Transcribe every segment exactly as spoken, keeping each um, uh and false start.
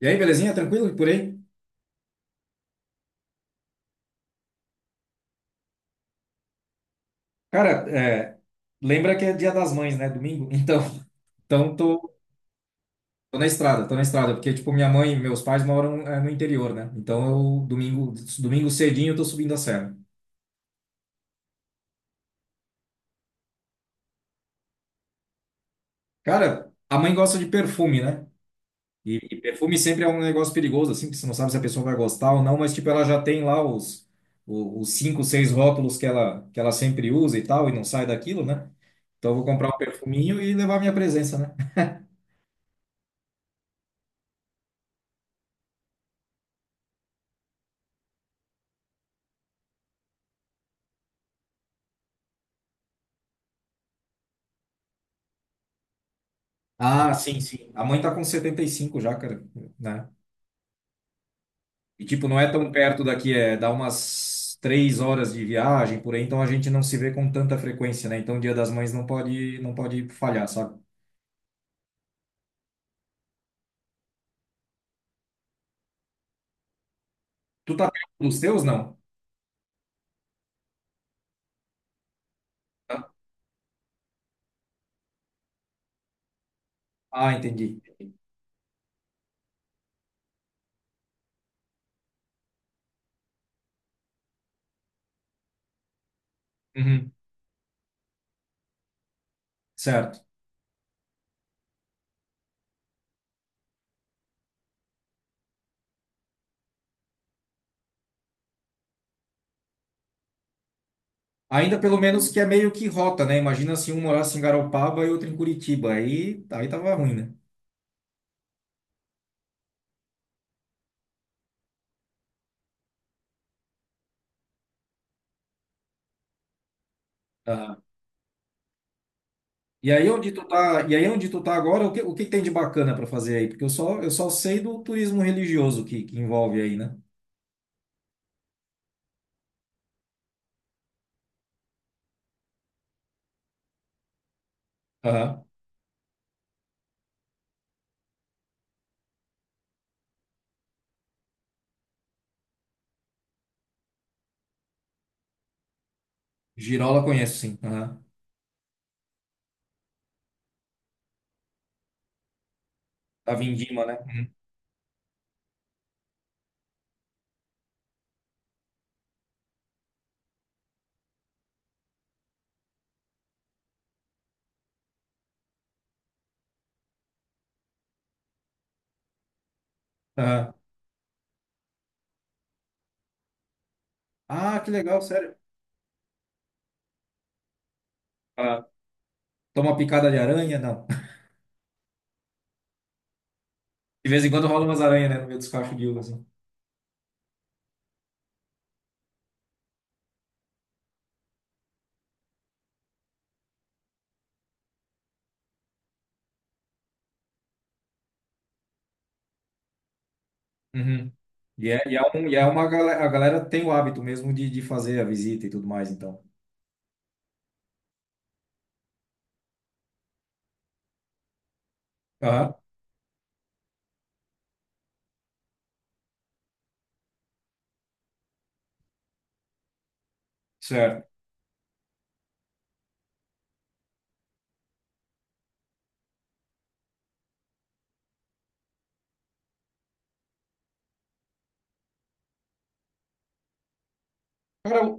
E aí, belezinha? Tranquilo por aí? Cara, é, lembra que é Dia das Mães, né? Domingo? Então, então tô, tô na estrada, tô na estrada, porque, tipo, minha mãe e meus pais moram, é, no interior, né? Então, eu, domingo, domingo cedinho, eu tô subindo a serra. Cara, a mãe gosta de perfume, né? E, e perfume sempre é um negócio perigoso, assim, que você não sabe se a pessoa vai gostar ou não, mas, tipo, ela já tem lá os, o- os cinco, seis rótulos que ela, que ela sempre usa e tal, e não sai daquilo, né? Então, eu vou comprar um perfuminho e levar minha presença, né? Ah, sim, sim. A mãe tá com setenta e cinco já, cara, né? E tipo, não é tão perto daqui, é, dá umas três horas de viagem por aí, então a gente não se vê com tanta frequência, né? Então o Dia das Mães não pode, não pode falhar, sabe? Tu tá perto dos teus, não? Tá. Ah, entendi. Uhum, certo. Ainda pelo menos que é meio que rota, né? Imagina se um morasse em Garopaba e outro em Curitiba, aí, aí tava ruim, né? E aí onde tu tá, e aí onde tu tá agora, o que, o que tem de bacana para fazer aí? Porque eu só, eu só sei do turismo religioso que, que envolve aí, né? Aham. Girola conheço, sim. Aham. Tava em Dima, né? Uhum. Aham. Ah, que legal, sério. Aham. Toma picada de aranha? Não. De vez em quando rola umas aranhas, né? No meio dos cachos de uva, assim. Uhum. E é, e é, um, e é uma galera, a galera tem o hábito mesmo de, de fazer a visita e tudo mais, então. Aham. Certo. Cara,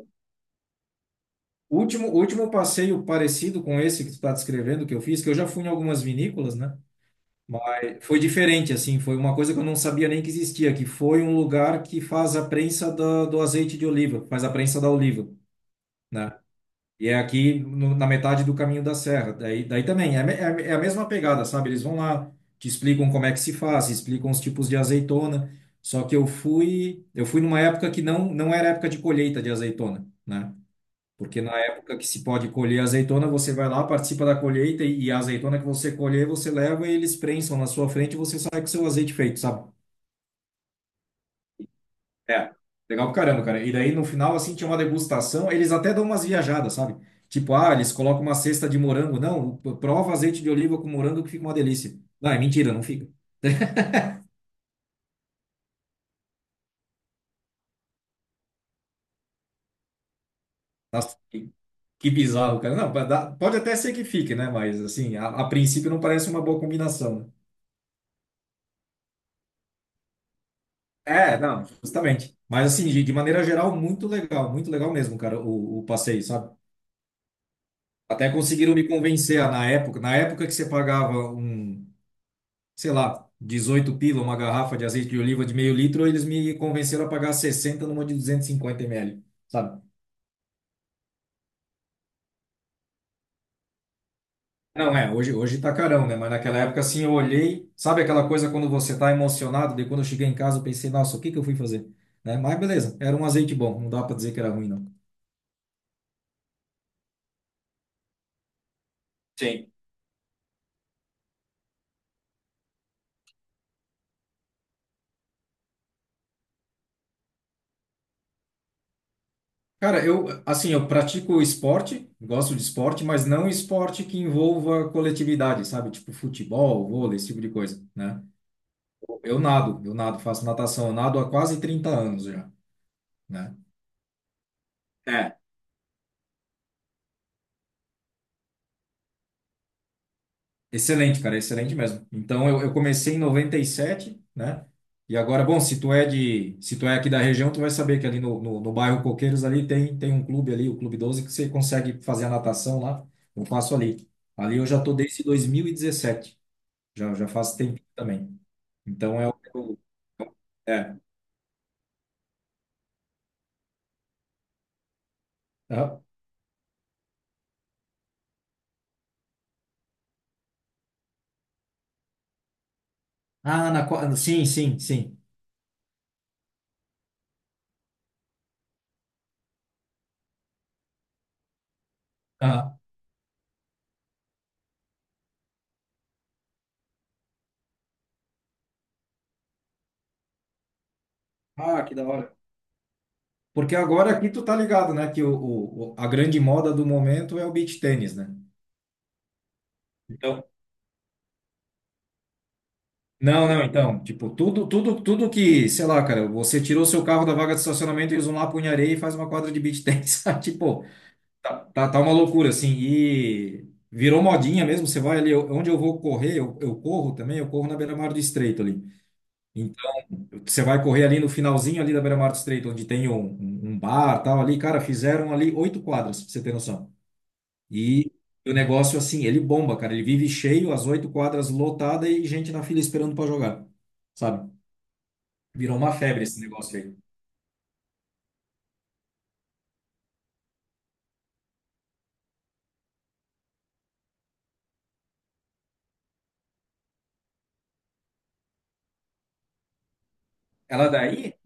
O último, o último passeio parecido com esse que tu tá descrevendo, que eu fiz, que eu já fui em algumas vinícolas, né? Mas foi diferente, assim, foi uma coisa que eu não sabia nem que existia, que foi um lugar que faz a prensa da- do azeite de oliva, faz a prensa da oliva, né? E é aqui no- na metade do caminho da serra. Daí, daí também, é, me- é, é a mesma pegada, sabe? Eles vão lá, te explicam como é que se faz, explicam os tipos de azeitona. Só que eu fui, eu fui numa época que não, não era época de colheita de azeitona, né? Porque na época que se pode colher azeitona, você vai lá, participa da colheita e a azeitona que você colher, você leva e eles prensam na sua frente e você sai com seu azeite feito, sabe? É. Legal pra caramba, cara. E daí no final, assim, tinha uma degustação, eles até dão umas viajadas, sabe? Tipo, ah, eles colocam uma cesta de morango. Não, prova azeite de oliva com morango que fica uma delícia. Não, é mentira, não fica. Nossa, que, que bizarro, cara. Não, dá- pode até ser que fique, né? Mas, assim, a, a princípio não parece uma boa combinação, né? É, não, justamente. Mas assim, de de maneira geral, muito legal, muito legal mesmo, cara, o, o passeio, sabe? Até conseguiram me convencer ah, na época, na época que você pagava um, sei lá, dezoito pila, uma garrafa de azeite de oliva de meio litro, eles me convenceram a pagar sessenta numa de duzentos e cinquenta mililitros, sabe? Não, é, hoje, hoje tá carão, né? Mas naquela época, assim, eu olhei, sabe aquela coisa quando você tá emocionado, daí quando eu cheguei em casa, eu pensei, nossa, o que que eu fui fazer? Né? Mas beleza, era um azeite bom, não dá pra dizer que era ruim, não. Sim. Cara, eu, assim, eu pratico esporte, gosto de esporte, mas não esporte que envolva coletividade, sabe? Tipo futebol, vôlei, esse tipo de coisa, né? Eu nado, eu nado, faço natação, eu nado há quase trinta anos já, né? É, Excelente, cara, excelente mesmo. Então, eu, eu comecei em noventa e sete, né? E agora, bom, se tu é de, se tu é aqui da região, tu vai saber que ali no, no, no bairro Coqueiros ali tem, tem um clube ali, o Clube doze que você consegue fazer a natação lá. Eu faço ali. Ali eu já tô desde dois mil e dezessete. Já, já faz tempo também. Então é o. eu- É. Aham. Ah, na, qua- sim, sim, sim. Aham. Ah, que da hora. Porque agora aqui tu tá ligado, né? Que o, o, o- a grande moda do momento é o beach tênis, né? Então. Não, não, então. Tipo, tudo, tudo, tudo que, sei lá, cara, você tirou seu carro da vaga de estacionamento e usa um lapo em areia e faz uma quadra de beach tênis. sabe? Tipo, tá, tá, tá uma loucura, assim. E virou modinha mesmo. Você vai ali, eu- onde eu vou correr, eu, eu corro também, eu corro na beira-mar do estreito ali. Você vai correr ali no finalzinho ali da Beira-Mar do Estreito, onde tem um, um um bar, tal ali, cara, fizeram ali oito quadras, pra você ter noção. E o negócio assim, ele bomba, cara, ele vive cheio, as oito quadras lotada e gente na fila esperando para jogar, sabe? Virou uma febre esse negócio aí. Ela daí?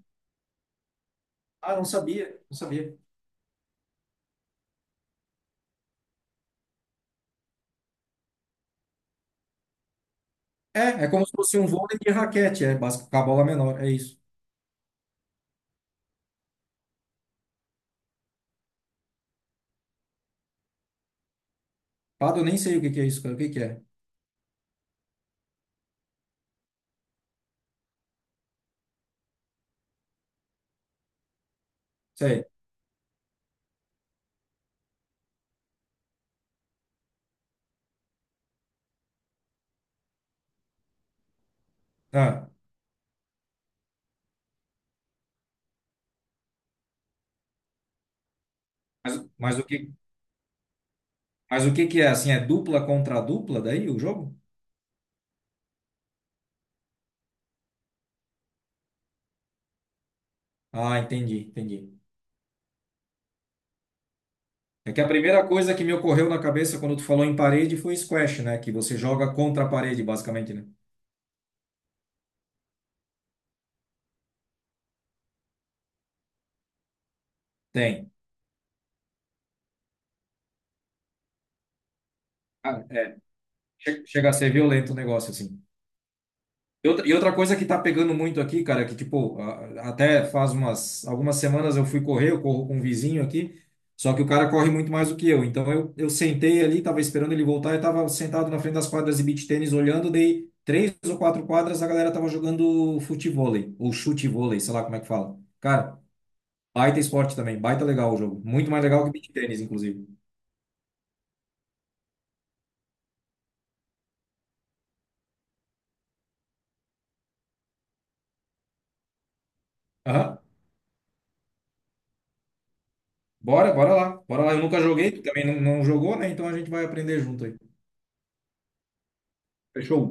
Ah, não sabia, não sabia. É, é como se fosse um vôlei de raquete, é, básico, com a bola menor, é isso. Pado, eu nem sei o que que é isso, cara, o que que é? Sei. Ah, mas, mas o que, mas o que que é assim? É dupla contra dupla daí o jogo? Ah, entendi, entendi. É que a primeira coisa que me ocorreu na cabeça quando tu falou em parede foi squash, né? Que você joga contra a parede, basicamente, né? Tem. Ah, é. Che- Chega a ser violento o negócio, assim. E outra e outra coisa que tá pegando muito aqui, cara, que tipo, a- até faz umas algumas semanas eu fui correr, eu corro com um vizinho aqui, só que o cara corre muito mais do que eu. Então eu, eu sentei ali, tava esperando ele voltar, eu tava sentado na frente das quadras de beach tênis olhando, dei três ou quatro quadras, a galera tava jogando futevôlei, ou chutevôlei, sei lá como é que fala. Cara, baita esporte também, baita legal o jogo. Muito mais legal que beach tênis, inclusive. Aham. Bora, bora lá. Bora lá. Eu nunca joguei, tu também não, não jogou, né? Então a gente vai aprender junto aí. Fechou?